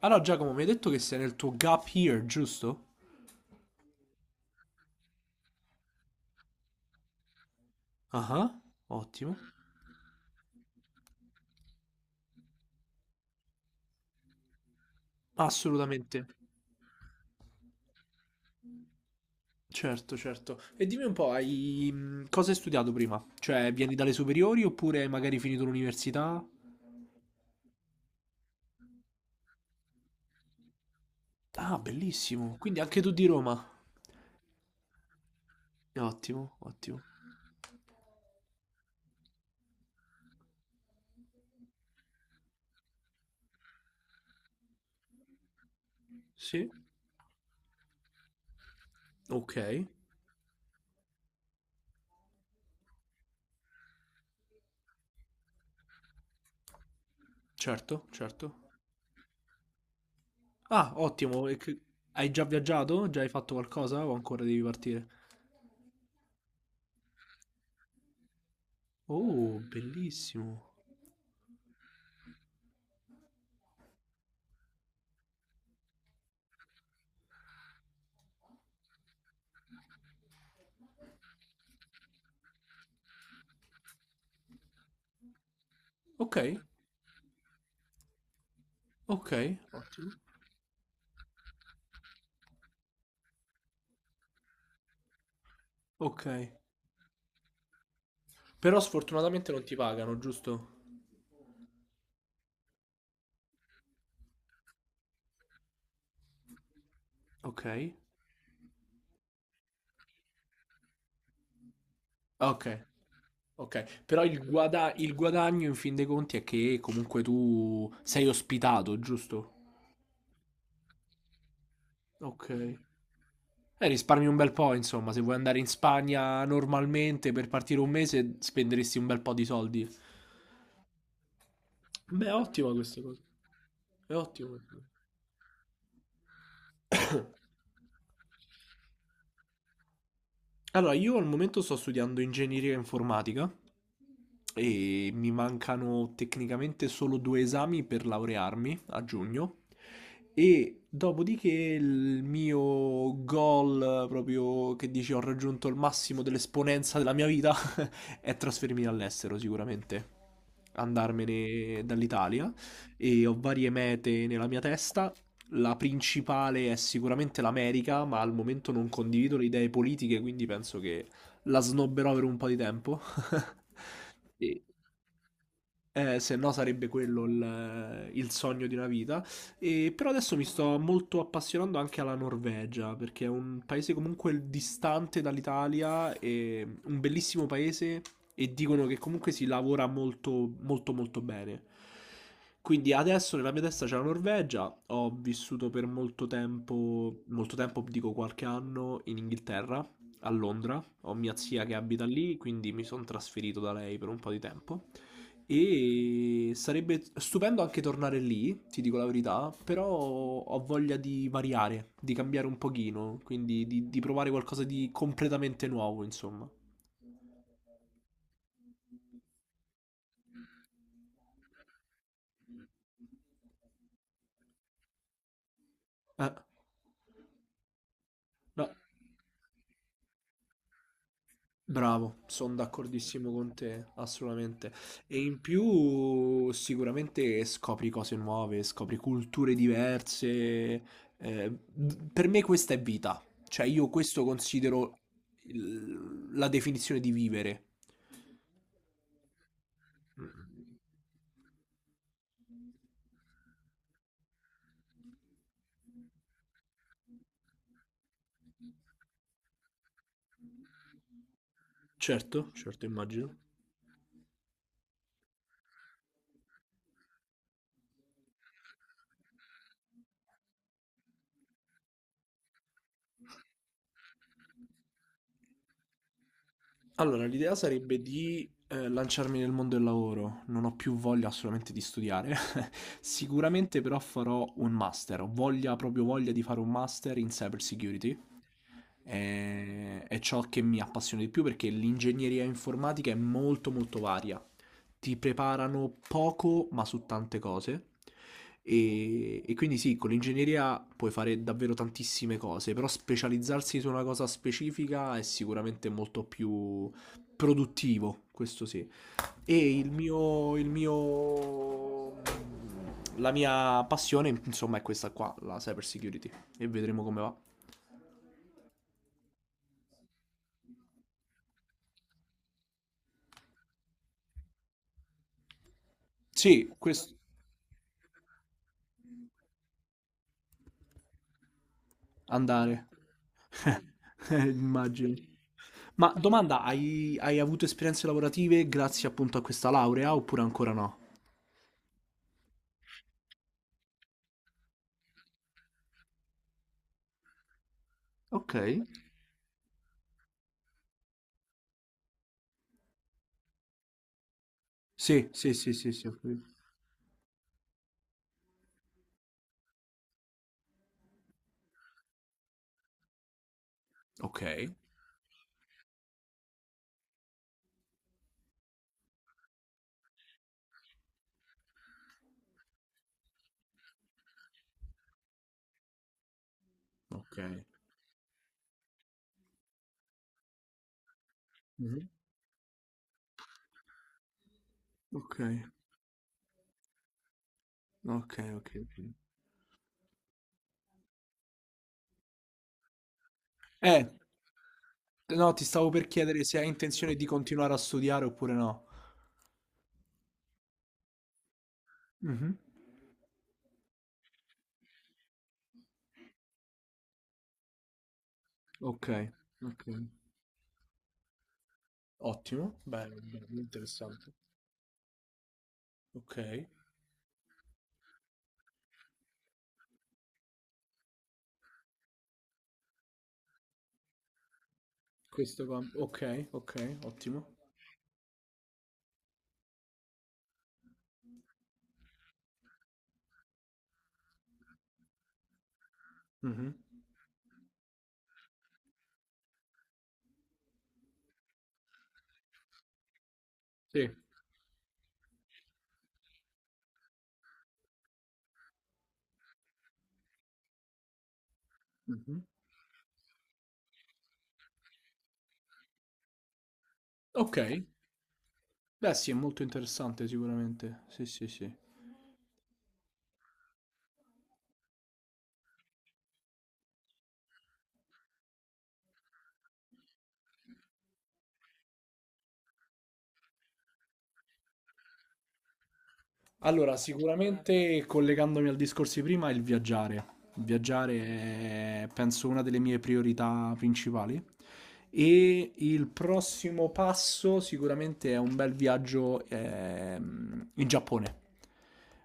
Allora, Giacomo, mi hai detto che sei nel tuo gap year, giusto? Ah, ottimo. Assolutamente. Certo, certo. E dimmi un po', hai... cosa hai studiato prima? Cioè, vieni dalle superiori oppure hai magari finito l'università? Ah, bellissimo. Quindi anche tu di Roma. Ottimo, ottimo. Sì. Ok. Certo, certo. Ah, ottimo. Hai già viaggiato? Già hai fatto qualcosa o ancora devi partire? Oh, bellissimo. Ok, ok, ottimo. Ok. Però sfortunatamente non ti pagano, giusto? Ok. Ok, ok. Però il guadagno in fin dei conti è che comunque tu sei ospitato, giusto? Ok. Risparmi un bel po', insomma, se vuoi andare in Spagna normalmente per partire un mese spenderesti un bel po' di soldi. Beh, è ottima questa cosa. È ottima questa cosa. Allora, io al momento sto studiando ingegneria informatica e mi mancano tecnicamente solo 2 esami per laurearmi a giugno, e dopodiché il mio goal, proprio che dici ho raggiunto il massimo dell'esponenza della mia vita, è trasferirmi all'estero sicuramente, andarmene dall'Italia e ho varie mete nella mia testa, la principale è sicuramente l'America, ma al momento non condivido le idee politiche, quindi penso che la snobberò per un po' di tempo. E- se no sarebbe quello il sogno di una vita. E però adesso mi sto molto appassionando anche alla Norvegia, perché è un paese comunque distante dall'Italia, e un bellissimo paese e dicono che comunque si lavora molto molto molto bene. Quindi adesso nella mia testa c'è la Norvegia, ho vissuto per molto tempo dico qualche anno in Inghilterra, a Londra, ho mia zia che abita lì, quindi mi sono trasferito da lei per un po' di tempo. E sarebbe stupendo anche tornare lì, ti dico la verità, però ho voglia di variare, di cambiare un pochino, quindi di provare qualcosa di completamente nuovo, insomma. Eh, no, bravo, sono d'accordissimo con te, assolutamente. E in più sicuramente scopri cose nuove, scopri culture diverse. Eh, per me questa è vita, cioè io questo considero la definizione di vivere. Certo, certo, immagino. Allora, l'idea sarebbe di lanciarmi nel mondo del lavoro. Non ho più voglia assolutamente di studiare. Sicuramente però farò un master. Ho voglia, proprio voglia di fare un master in cyber security. È ciò che mi appassiona di più perché l'ingegneria informatica è molto molto varia. Ti preparano poco ma su tante cose e quindi sì, con l'ingegneria puoi fare davvero tantissime cose, però specializzarsi su una cosa specifica è sicuramente molto più produttivo, questo sì. E la mia passione, insomma, è questa qua, la cyber security. E vedremo come va. Sì, questo. Andare. Immagino. Ma domanda, hai avuto esperienze lavorative grazie appunto a questa laurea oppure ancora no? Ok. Sì, sì, sì, sì, sì, ho capito. Ok, ok. Mhm. Ok, ok, ok. Ok. Eh, no, ti stavo per chiedere se hai intenzione di continuare a studiare oppure no. Mhm. Ok, ok. Ottimo, bello, bello, interessante. Ok, questo qua. Ok, ok, ottimo. Mhm. Sì. Mh-mh. Okay. Beh sì, è molto interessante sicuramente. Sì, sì, sì. Allora, sicuramente collegandomi al discorso di prima, il viaggiare. Il viaggiare è, penso, una delle mie priorità principali. E il prossimo passo sicuramente è un bel viaggio in Giappone.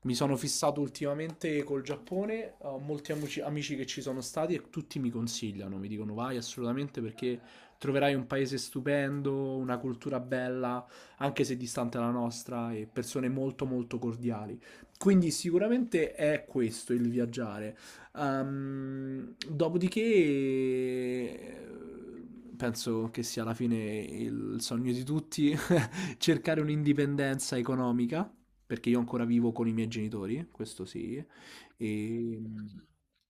Mi sono fissato ultimamente col Giappone, ho molti amici, amici che ci sono stati e tutti mi consigliano, mi dicono vai assolutamente perché troverai un paese stupendo, una cultura bella, anche se distante la nostra, e persone molto molto cordiali. Quindi sicuramente è questo il viaggiare. Dopodiché penso che sia alla fine il sogno di tutti cercare un'indipendenza economica, perché io ancora vivo con i miei genitori, questo sì. E,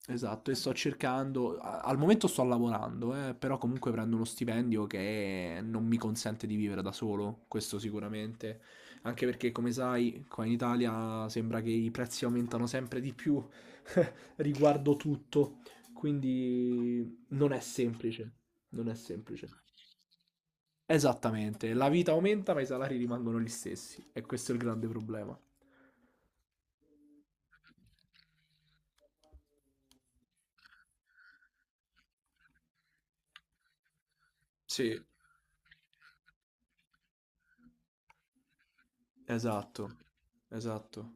esatto, e sto cercando, al momento sto lavorando, però comunque prendo uno stipendio che non mi consente di vivere da solo, questo sicuramente. Anche perché, come sai, qua in Italia sembra che i prezzi aumentano sempre di più riguardo tutto, quindi non è semplice, non è semplice. Esattamente, la vita aumenta ma i salari rimangono gli stessi e questo è il grande problema. Sì. Esatto, esatto.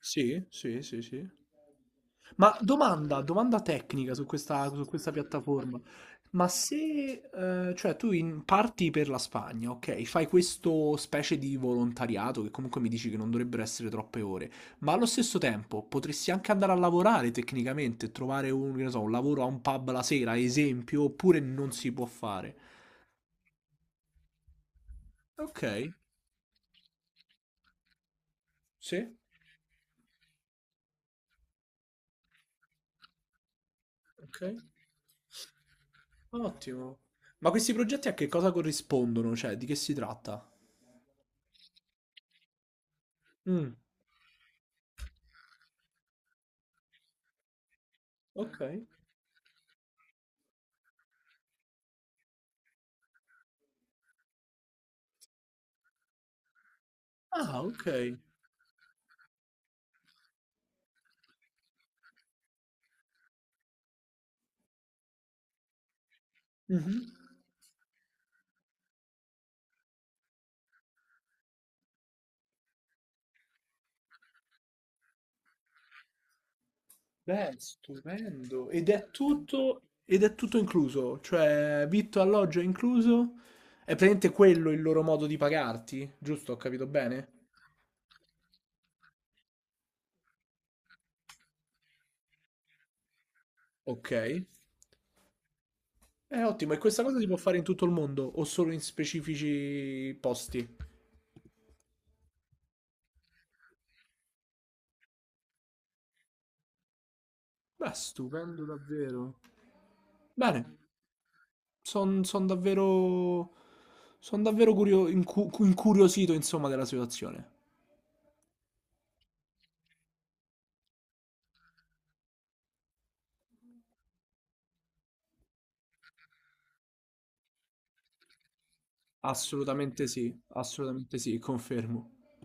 Sì, sì, sì, sì. Ma domanda, domanda tecnica su questa piattaforma. Ma se, cioè, tu parti per la Spagna, ok? Fai questo specie di volontariato che comunque mi dici che non dovrebbero essere troppe ore, ma allo stesso tempo potresti anche andare a lavorare tecnicamente, trovare un, che ne so, un lavoro a un pub la sera, ad esempio, oppure non si può fare. Ok, sì, ok. Ottimo. Ma questi progetti a che cosa corrispondono? Cioè, di che si tratta? Mm, ok. Ah, ok. Mhm. Beh, stupendo. Ed è tutto incluso, cioè vitto, alloggio è incluso. È praticamente quello il loro modo di pagarti, giusto? Ho capito bene? Ok. È ottimo, e questa cosa si può fare in tutto il mondo o solo in specifici posti? Beh, stupendo davvero. Bene. Sono davvero, son davvero curio- incu- incuriosito, insomma, della situazione. Assolutamente sì, confermo.